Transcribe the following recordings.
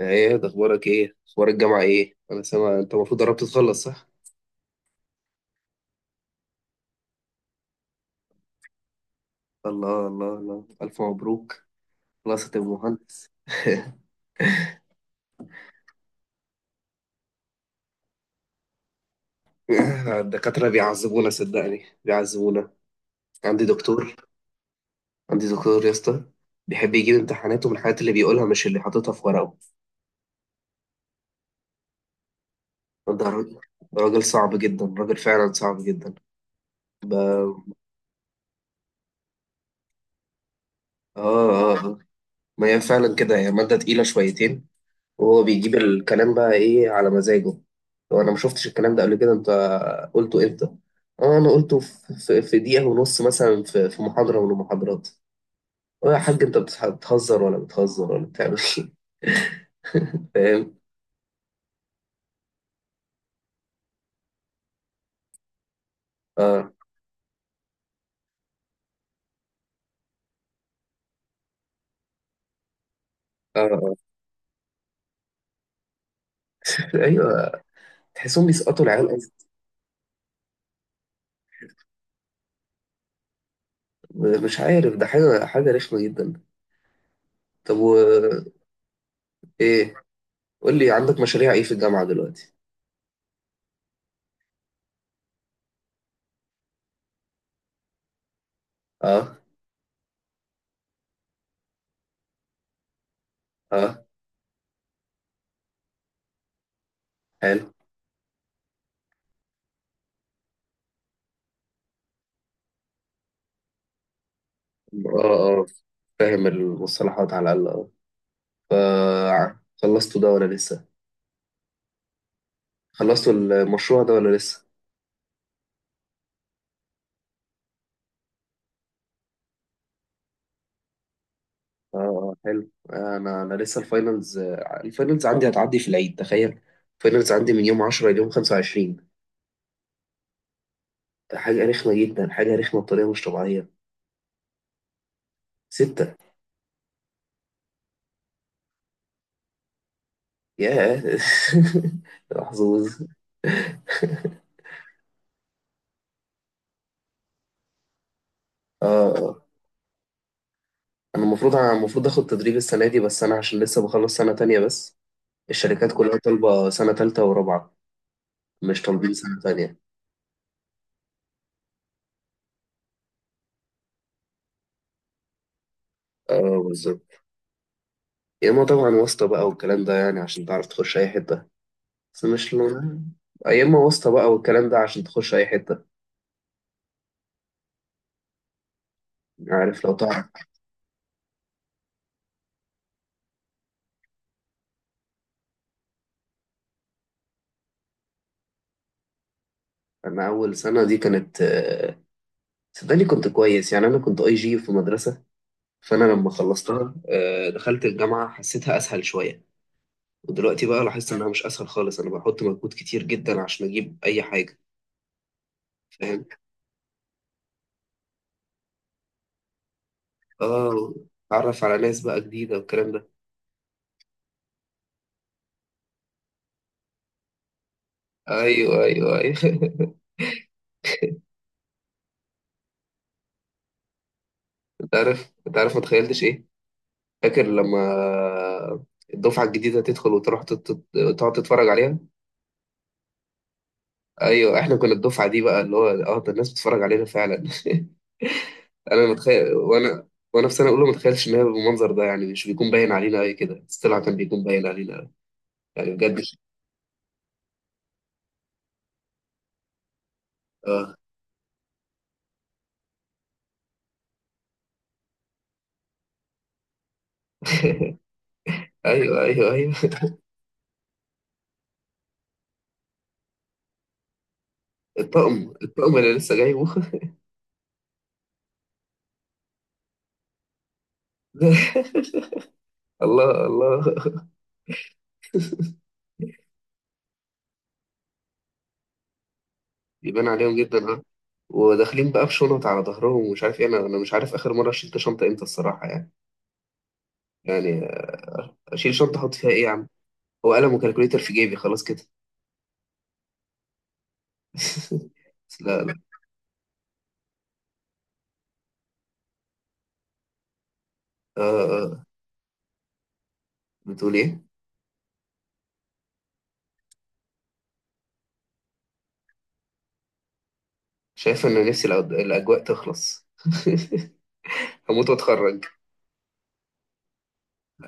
ايه ده؟ اخبارك ايه؟ اخبار الجامعه ايه؟ انا سامع انت المفروض قربت تخلص، صح؟ الله الله الله، الف مبروك. خلاص هتبقى مهندس. الدكاتره بيعذبونا، صدقني بيعذبونا. عندي دكتور، عندي دكتور يا اسطى بيحب يجيب امتحاناته من الحاجات اللي بيقولها مش اللي حاططها في ورقه. ده راجل، راجل صعب جدا، راجل فعلا صعب جدا. ب... اه اه آه. ما هي فعلا كده، هي ماده تقيله شويتين، وهو بيجيب الكلام بقى ايه على مزاجه. هو انا ما شفتش الكلام ده قبل كده، انت قلته امتى؟ اه انا قلته في دقيقة ونص مثلا في محاضرة من المحاضرات. اه يا حاج، انت بتهزر ولا بتعمل ايه؟ فاهم. اه اه آه. ايوه. تحسهم بيسقطوا العيال أصلاً. مش عارف، ده حاجة رخمة جدا. طب و ايه؟ قول لي، عندك مشاريع ايه في الجامعة دلوقتي؟ اه اه، حلو. اه فاهم المصطلحات على الاقل. آه، خلصتوا ده ولا لسه؟ خلصتوا المشروع ده ولا لسه؟ اه آه، حلو. انا لسه الفاينلز، آه، الفاينلز عندي هتعدي في العيد، تخيل. الفاينلز عندي من يوم 10 ليوم 25. ده حاجه رخمه جدا، حاجه رخمه بطريقه مش طبيعيه. ستة. ياه محظوظ. اه آه. انا المفروض اخد تدريب السنه دي، بس انا عشان لسه بخلص سنه تانية بس. الشركات كلها طالبه سنه تالتة ورابعه، مش طالبين سنه تانية. اه بالظبط، يا اما طبعا واسطة بقى والكلام ده، يعني عشان تعرف تخش اي حتة. بس مش لو، يا اما واسطة بقى والكلام ده عشان تخش اي حتة. يعني عارف، لو تعرف. انا اول سنة دي كانت آه، صدقني كنت كويس، يعني انا كنت اي جي في مدرسة، فانا لما خلصتها آه، دخلت الجامعة حسيتها اسهل شوية. ودلوقتي بقى لاحظت انها مش اسهل خالص، انا بحط مجهود كتير جدا عشان اجيب اي حاجة. فاهم. اه، اتعرف على ناس بقى جديدة والكلام ده. ايوه ايوه ايوه. انت عارف، انت عارف ما تخيلتش ايه؟ فاكر لما الدفعة الجديدة تدخل وتروح تقعد تتفرج عليها. أيوة، إحنا كنا الدفعة دي بقى اللي هو آه ده الناس بتتفرج علينا فعلا. أنا متخيل، وأنا في سنة أولى ما اتخيلش إن هي بالمنظر ده، يعني مش بيكون باين علينا أوي كده، بس طلع كان بيكون باين علينا أوي. يعني بجد. آه أيوة أيوة أيوة. الطقم اللي لسه جايبه. ده الله الله. يبان عليهم جدا اه، وداخلين بقى بشنط على ظهرهم ومش عارف ايه. انا مش عارف اخر مره شلت شنطه امتى الصراحه يعني. يعني اشيل شنطه احط فيها ايه يا عم؟ هو قلم وكالكوليتر في جيبي خلاص كده. لا لا آه آه. بتقول ايه؟ شايف ان نفسي الاجواء تخلص. هموت واتخرج،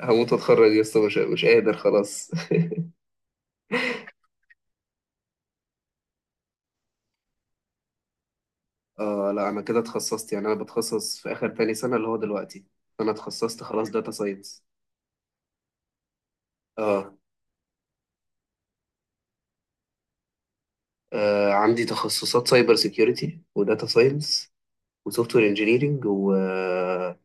هموت واتخرج يا اسطى، مش مش قادر خلاص. آه لا، انا كده اتخصصت، يعني انا بتخصص في اخر تاني سنه اللي هو دلوقتي. انا اتخصصت خلاص داتا ساينس. آه. اه عندي تخصصات سايبر سيكيورتي وداتا ساينس وسوفت وير انجينيرنج و... آه،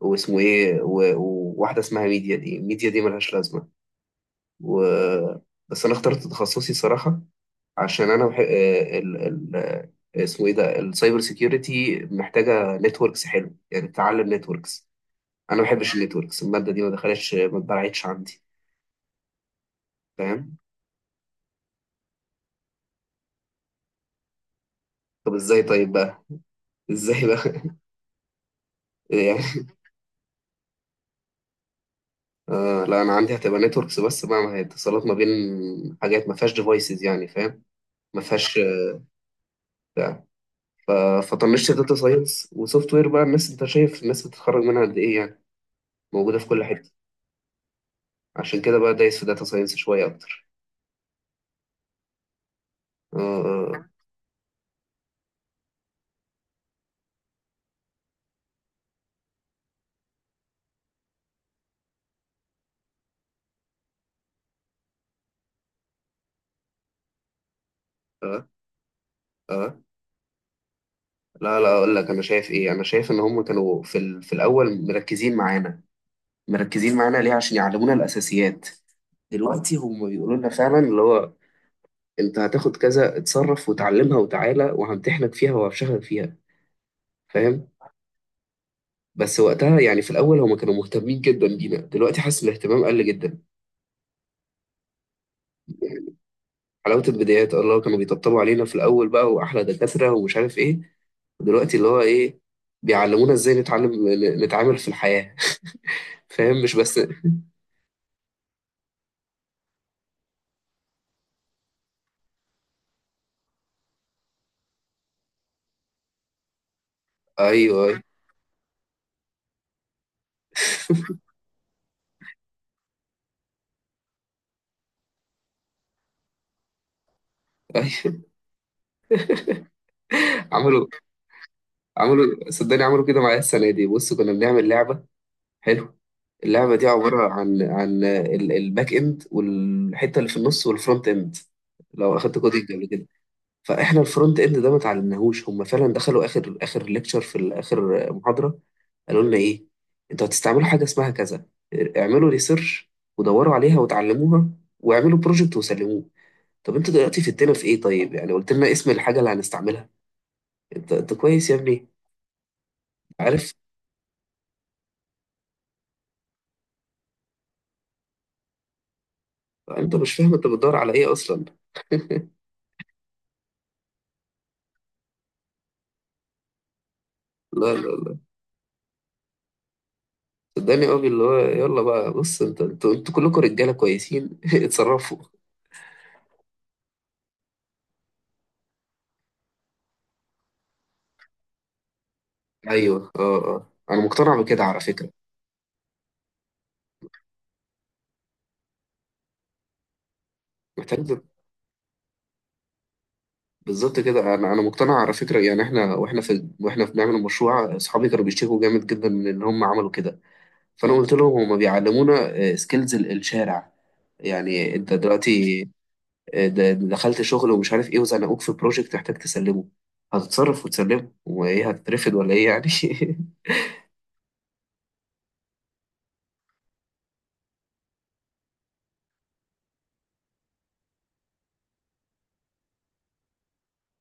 واسمه ايه و... وواحده اسمها ميديا دي ملهاش لازمه و... بس انا اخترت تخصصي صراحه، عشان انا بحب آه، اسمه ايه ده، السايبر سيكيورتي محتاجه نتوركس حلو، يعني تتعلم نتوركس. انا ما بحبش النتوركس، الماده دي ما دخلتش ما اتبرعتش عندي. فاهم. طب ازاي طيب بقى؟ ازاي بقى؟ يعني آه لا، انا عندي هتبقى نتوركس بس بقى، ما هي اتصالات ما بين حاجات ما فيهاش ديفايسز، يعني فاهم. ما فيهاش بتاع ف- فطنشت داتا ساينس وسوفت وير بقى. الناس انت شايف الناس بتتخرج منها قد ايه يعني، موجوده في كل حته. عشان كده بقى دايس في داتا ساينس شوية أكتر. آه آه آه آه، آه. لا لا، أقول لك أنا شايف إيه، أنا شايف إن هم كانوا في الأول مركزين معانا، مركزين معانا ليه؟ عشان يعلمونا الأساسيات. دلوقتي هم بيقولوا لنا فعلا اللي هو أنت هتاخد كذا، اتصرف وتعلمها وتعالى وهمتحنك فيها وهفشخك فيها. فاهم. بس وقتها يعني في الأول هم كانوا مهتمين جدا بينا، دلوقتي حاسس الاهتمام قل جدا. حلاوة البدايات، الله كانوا بيطبطبوا علينا في الأول بقى، وأحلى دكاترة ومش عارف إيه. دلوقتي اللي هو إيه، بيعلمونا إزاي نتعلم نتعامل في الحياة. فاهم، مش بس أيوه أيوه. أيوه. عملوا، عملوا صدقني، عملوا كده معايا السنة دي. بص كنا بنعمل لعبة، حلو. اللعبة دي عبارة عن الباك إند والحتة اللي في النص والفرونت إند، لو أخدت كودينج قبل كده. فاحنا الفرونت اند ده ما اتعلمناهوش، هم فعلا دخلوا اخر ليكتشر في اخر محاضره، قالوا لنا ايه؟ انتوا هتستعملوا حاجه اسمها كذا، اعملوا ريسيرش ودوروا عليها وتعلموها، واعملوا بروجكت وسلموه. طب انتوا دلوقتي فدتنا في ايه طيب؟ يعني قلت لنا اسم الحاجه اللي هنستعملها. انت كويس يا ابني، عارف. انت مش فاهم انت بتدور على ايه اصلا. لا لا صدقني، قوي اللي هو يلا بقى، بص انت انتوا كلكم رجاله كويسين اتصرفوا. ايوه اه اه، انا مقتنع بكده على فكره. محتاج بالظبط كده، انا مقتنع على فكره. يعني احنا واحنا واحنا بنعمل المشروع اصحابي كانوا بيشتكوا جامد جدا من ان هم عملوا كده، فانا قلت لهم هم بيعلمونا سكيلز الشارع. يعني انت دلوقتي آه، د- دخلت شغل ومش عارف ايه، وزنقوك في بروجكت تحتاج تسلمه، هتتصرف وتسلمه، وايه هتترفد ولا ايه يعني؟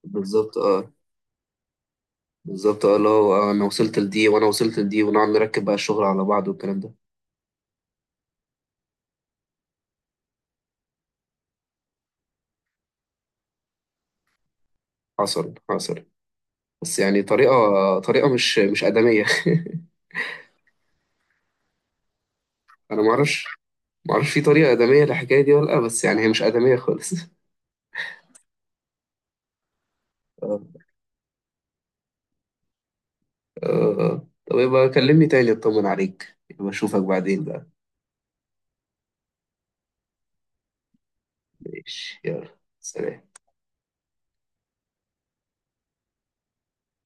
بالظبط اه، بالظبط اه، اللي هو آه، انا وصلت لدي وانا وصلت لدي، ونقعد نركب بقى الشغل على بعض والكلام ده. حصل حصل، بس يعني طريقه، طريقه مش ادميه. انا ما اعرفش، معرفش في طريقة آدمية للحكاية دي ولا لأ، بس يعني هي مش آدمية خالص. آه. آه. طب يبقى كلمني تاني اطمن عليك، يبقى أشوفك بعدين بقى. ماشي، يلا سلام.